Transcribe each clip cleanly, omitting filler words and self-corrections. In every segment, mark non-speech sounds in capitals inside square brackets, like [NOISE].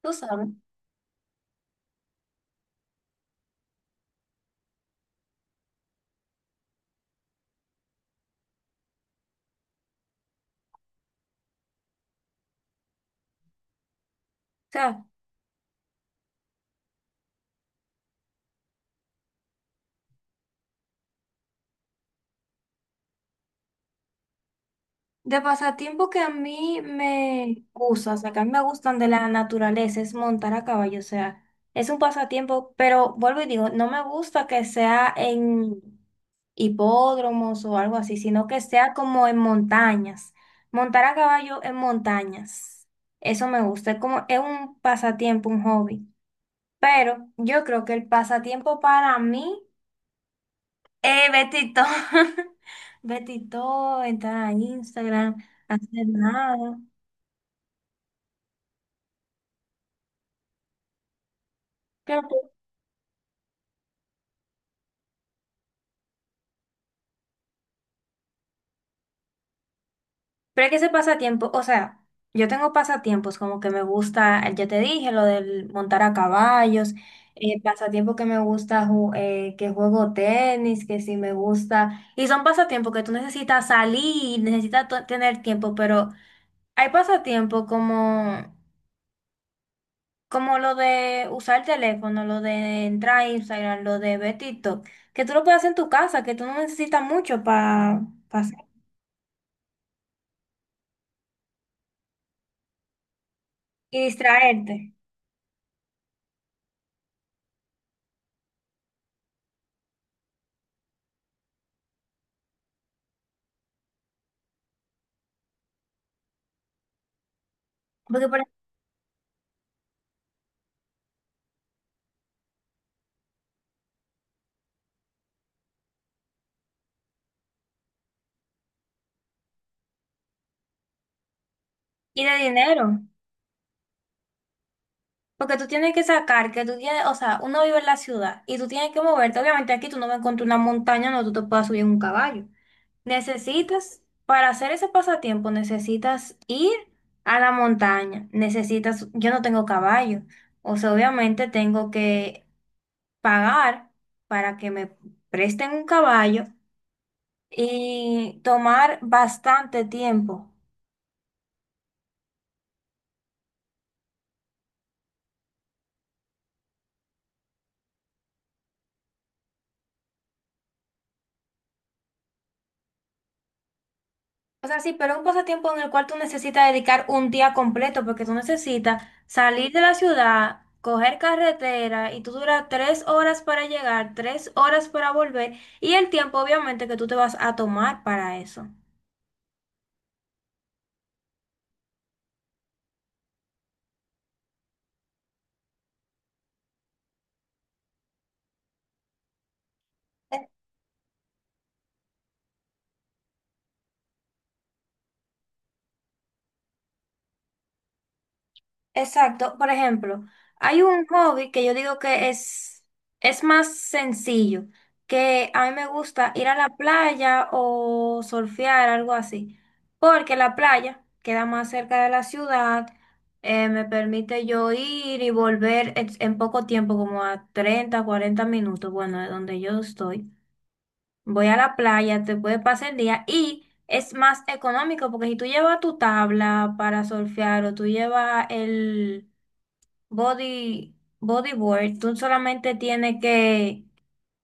Tú sabes. O sea, de pasatiempo que a mí me gusta, o sea, que a mí me gustan de la naturaleza, es montar a caballo. O sea, es un pasatiempo, pero vuelvo y digo, no me gusta que sea en hipódromos o algo así, sino que sea como en montañas. Montar a caballo en montañas, eso me gusta, es como, es un pasatiempo, un hobby. Pero yo creo que el pasatiempo para mí Betito. [LAUGHS] Betito, entrar a Instagram, hacer nada. Pero, tú- pero es que ese pasatiempo, o sea, yo tengo pasatiempos como que me gusta, ya te dije, lo del montar a caballos, pasatiempo que me gusta, que juego tenis, que sí me gusta. Y son pasatiempos que tú necesitas salir, necesitas tener tiempo, pero hay pasatiempos como... Como lo de usar el teléfono, lo de entrar a Instagram, lo de ver TikTok, que tú lo puedes hacer en tu casa, que tú no necesitas mucho para hacer y distraerte. Porque, por ejemplo, y de dinero, porque tú tienes que sacar, que tú tienes, o sea, uno vive en la ciudad y tú tienes que moverte. Obviamente aquí tú no vas a encontrar una montaña donde tú te puedas subir en un caballo. Necesitas, para hacer ese pasatiempo, necesitas ir a la montaña, necesitas, yo no tengo caballo. O sea, obviamente tengo que pagar para que me presten un caballo y tomar bastante tiempo. O sea, sí, pero un pasatiempo en el cual tú necesitas dedicar un día completo porque tú necesitas salir de la ciudad, coger carretera y tú duras 3 horas para llegar, 3 horas para volver, y el tiempo obviamente que tú te vas a tomar para eso. Exacto. Por ejemplo, hay un hobby que yo digo que es más sencillo, que a mí me gusta ir a la playa o surfear, algo así, porque la playa queda más cerca de la ciudad. Me permite yo ir y volver en poco tiempo, como a 30 40 minutos, bueno, de donde yo estoy. Voy a la playa, te puede pasar el día y es más económico porque si tú llevas tu tabla para surfear o tú llevas el, Body, bodyboard, tú solamente tienes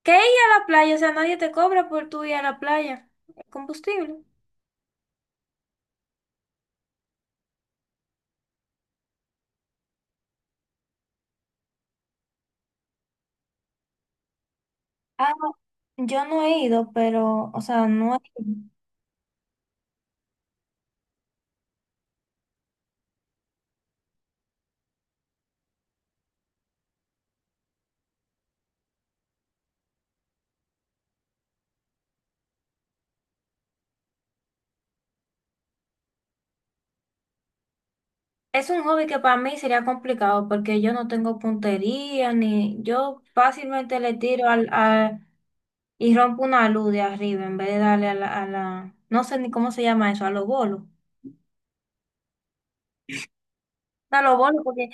que ir a la playa. O sea, nadie te cobra por tú ir a la playa, el combustible. Ah, yo no he ido, pero, o sea, no he ido. Es un hobby que para mí sería complicado porque yo no tengo puntería, ni yo fácilmente le tiro al- y rompo una luz de arriba en vez de darle a la, no sé ni cómo se llama eso, a los bolos. A los bolos, porque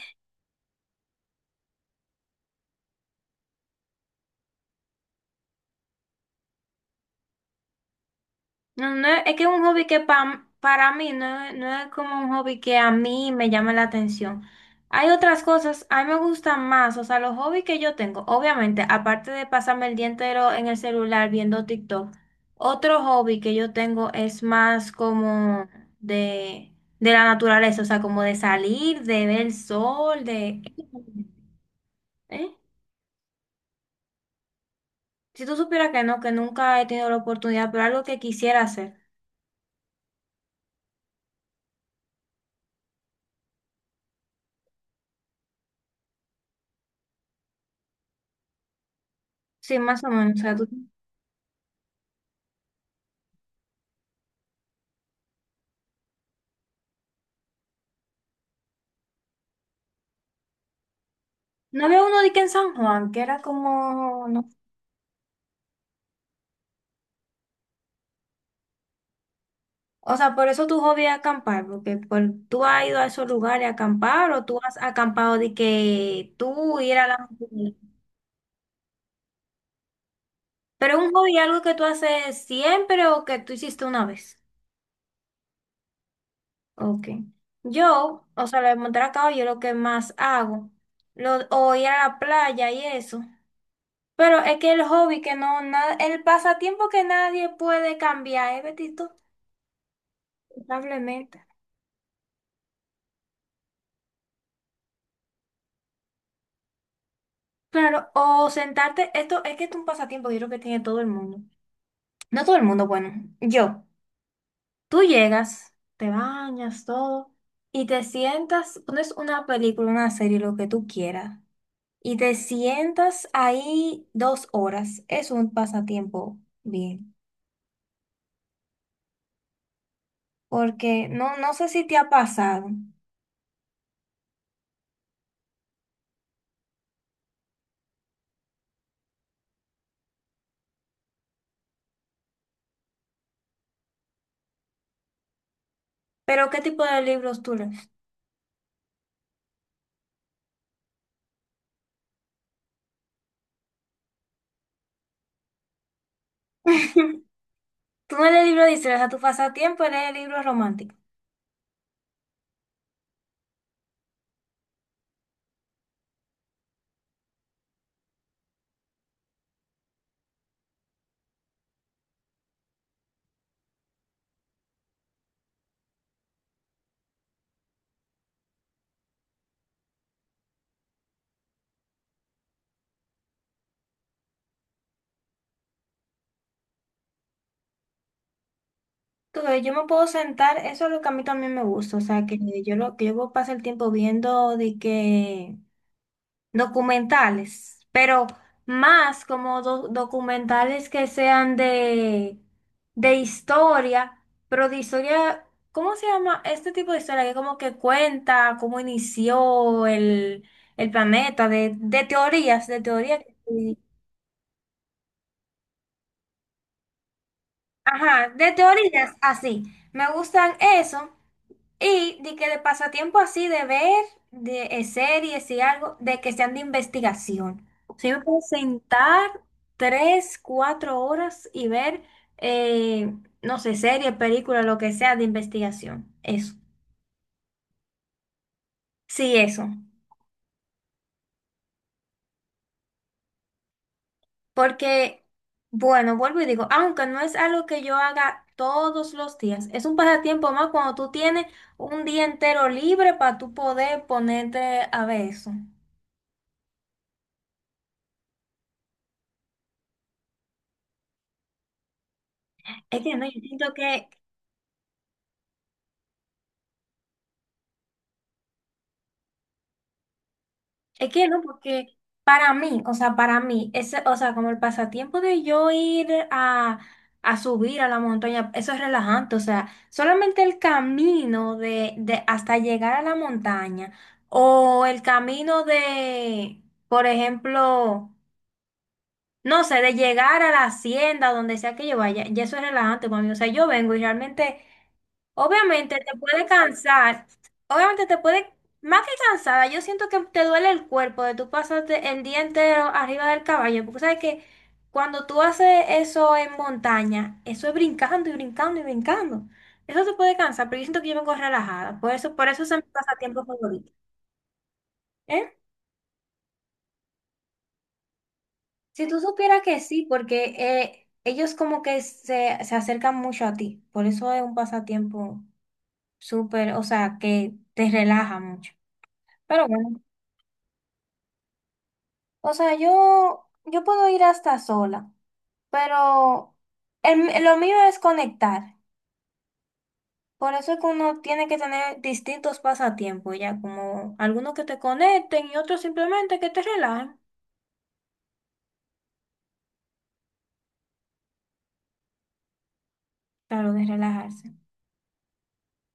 No, no, es que es un hobby que pa- para mí no, es- no es como un hobby que a mí me llama la atención. Hay otras cosas, a mí me gustan más, o sea, los hobbies que yo tengo, obviamente, aparte de pasarme el día entero en el celular viendo TikTok, otro hobby que yo tengo es más como de, de la naturaleza, o sea, como de salir, de ver el sol, de... ¿Eh? Si tú supieras que no, que nunca he tenido la oportunidad, pero algo que quisiera hacer. Sí, más o menos, o sea, tú... No había uno de que en San Juan, que era como, no. O sea, por eso tu hobby es acampar, porque por, tú has ido a esos lugares a acampar o tú has acampado de que tú ir a la montaña. Pero un hobby algo que tú haces siempre o que tú hiciste una vez. Ok. Yo, o sea, lo de montar a caballo es lo que más hago. Lo, o ir a la playa y eso. Pero es que el hobby que no, na- el pasatiempo que nadie puede cambiar, ¿eh, Betito? Lamentablemente. Claro, o sentarte, esto es que es un pasatiempo, yo creo que tiene todo el mundo. No todo el mundo, bueno, yo. Tú llegas, te bañas, todo, y te sientas, pones una película, una serie, lo que tú quieras, y te sientas ahí 2 horas. Es un pasatiempo bien, porque no, no sé si te ha pasado, pero ¿qué tipo de libros tú lees? [LAUGHS] Tú no lees libros de historia, o sea, tu pasatiempo es leer libros románticos. Tú ves, yo me puedo sentar, eso es lo que a mí también me gusta, o sea, que yo lo que yo paso el tiempo viendo de que documentales, pero más como documentales que sean de historia, pero de historia, ¿cómo se llama este tipo de historia? Que como que cuenta cómo inició el planeta, de teorías, ajá, de teorías así. Me gustan eso. Y de que de pasatiempo así, de ver de, series y algo, de que sean de investigación. Si me puedo sentar 3, 4 horas y ver, eh, no sé, serie, película, lo que sea de investigación. Eso. Sí, eso. Porque, bueno, vuelvo y digo, aunque no es algo que yo haga todos los días, es un pasatiempo más cuando tú tienes un día entero libre para tú poder ponerte a ver eso. Es que no, yo siento que es que no, porque para mí, o sea, para mí, ese, o sea, como el pasatiempo de yo ir a subir a la montaña, eso es relajante. O sea, solamente el camino de hasta llegar a la montaña o el camino de, por ejemplo, no sé, de llegar a la hacienda, donde sea que yo vaya, ya eso es relajante para mí. O sea, yo vengo y realmente, obviamente te puede cansar, obviamente te puede, más que cansada, yo siento que te duele el cuerpo de tú pasarte el día entero arriba del caballo, porque sabes que cuando tú haces eso en montaña, eso es brincando y brincando y brincando. Eso te puede cansar, pero yo siento que yo vengo relajada. Por eso es mi pasatiempo favorito. ¿Eh? Si tú supieras que sí, porque ellos como que se acercan mucho a ti, por eso es un pasatiempo súper, o sea, que te relaja mucho. Pero bueno, o sea, yo puedo ir hasta sola, pero el- lo mío es conectar. Por eso es que uno tiene que tener distintos pasatiempos, ya como algunos que te conecten y otros simplemente que te relajen. Claro, de relajarse.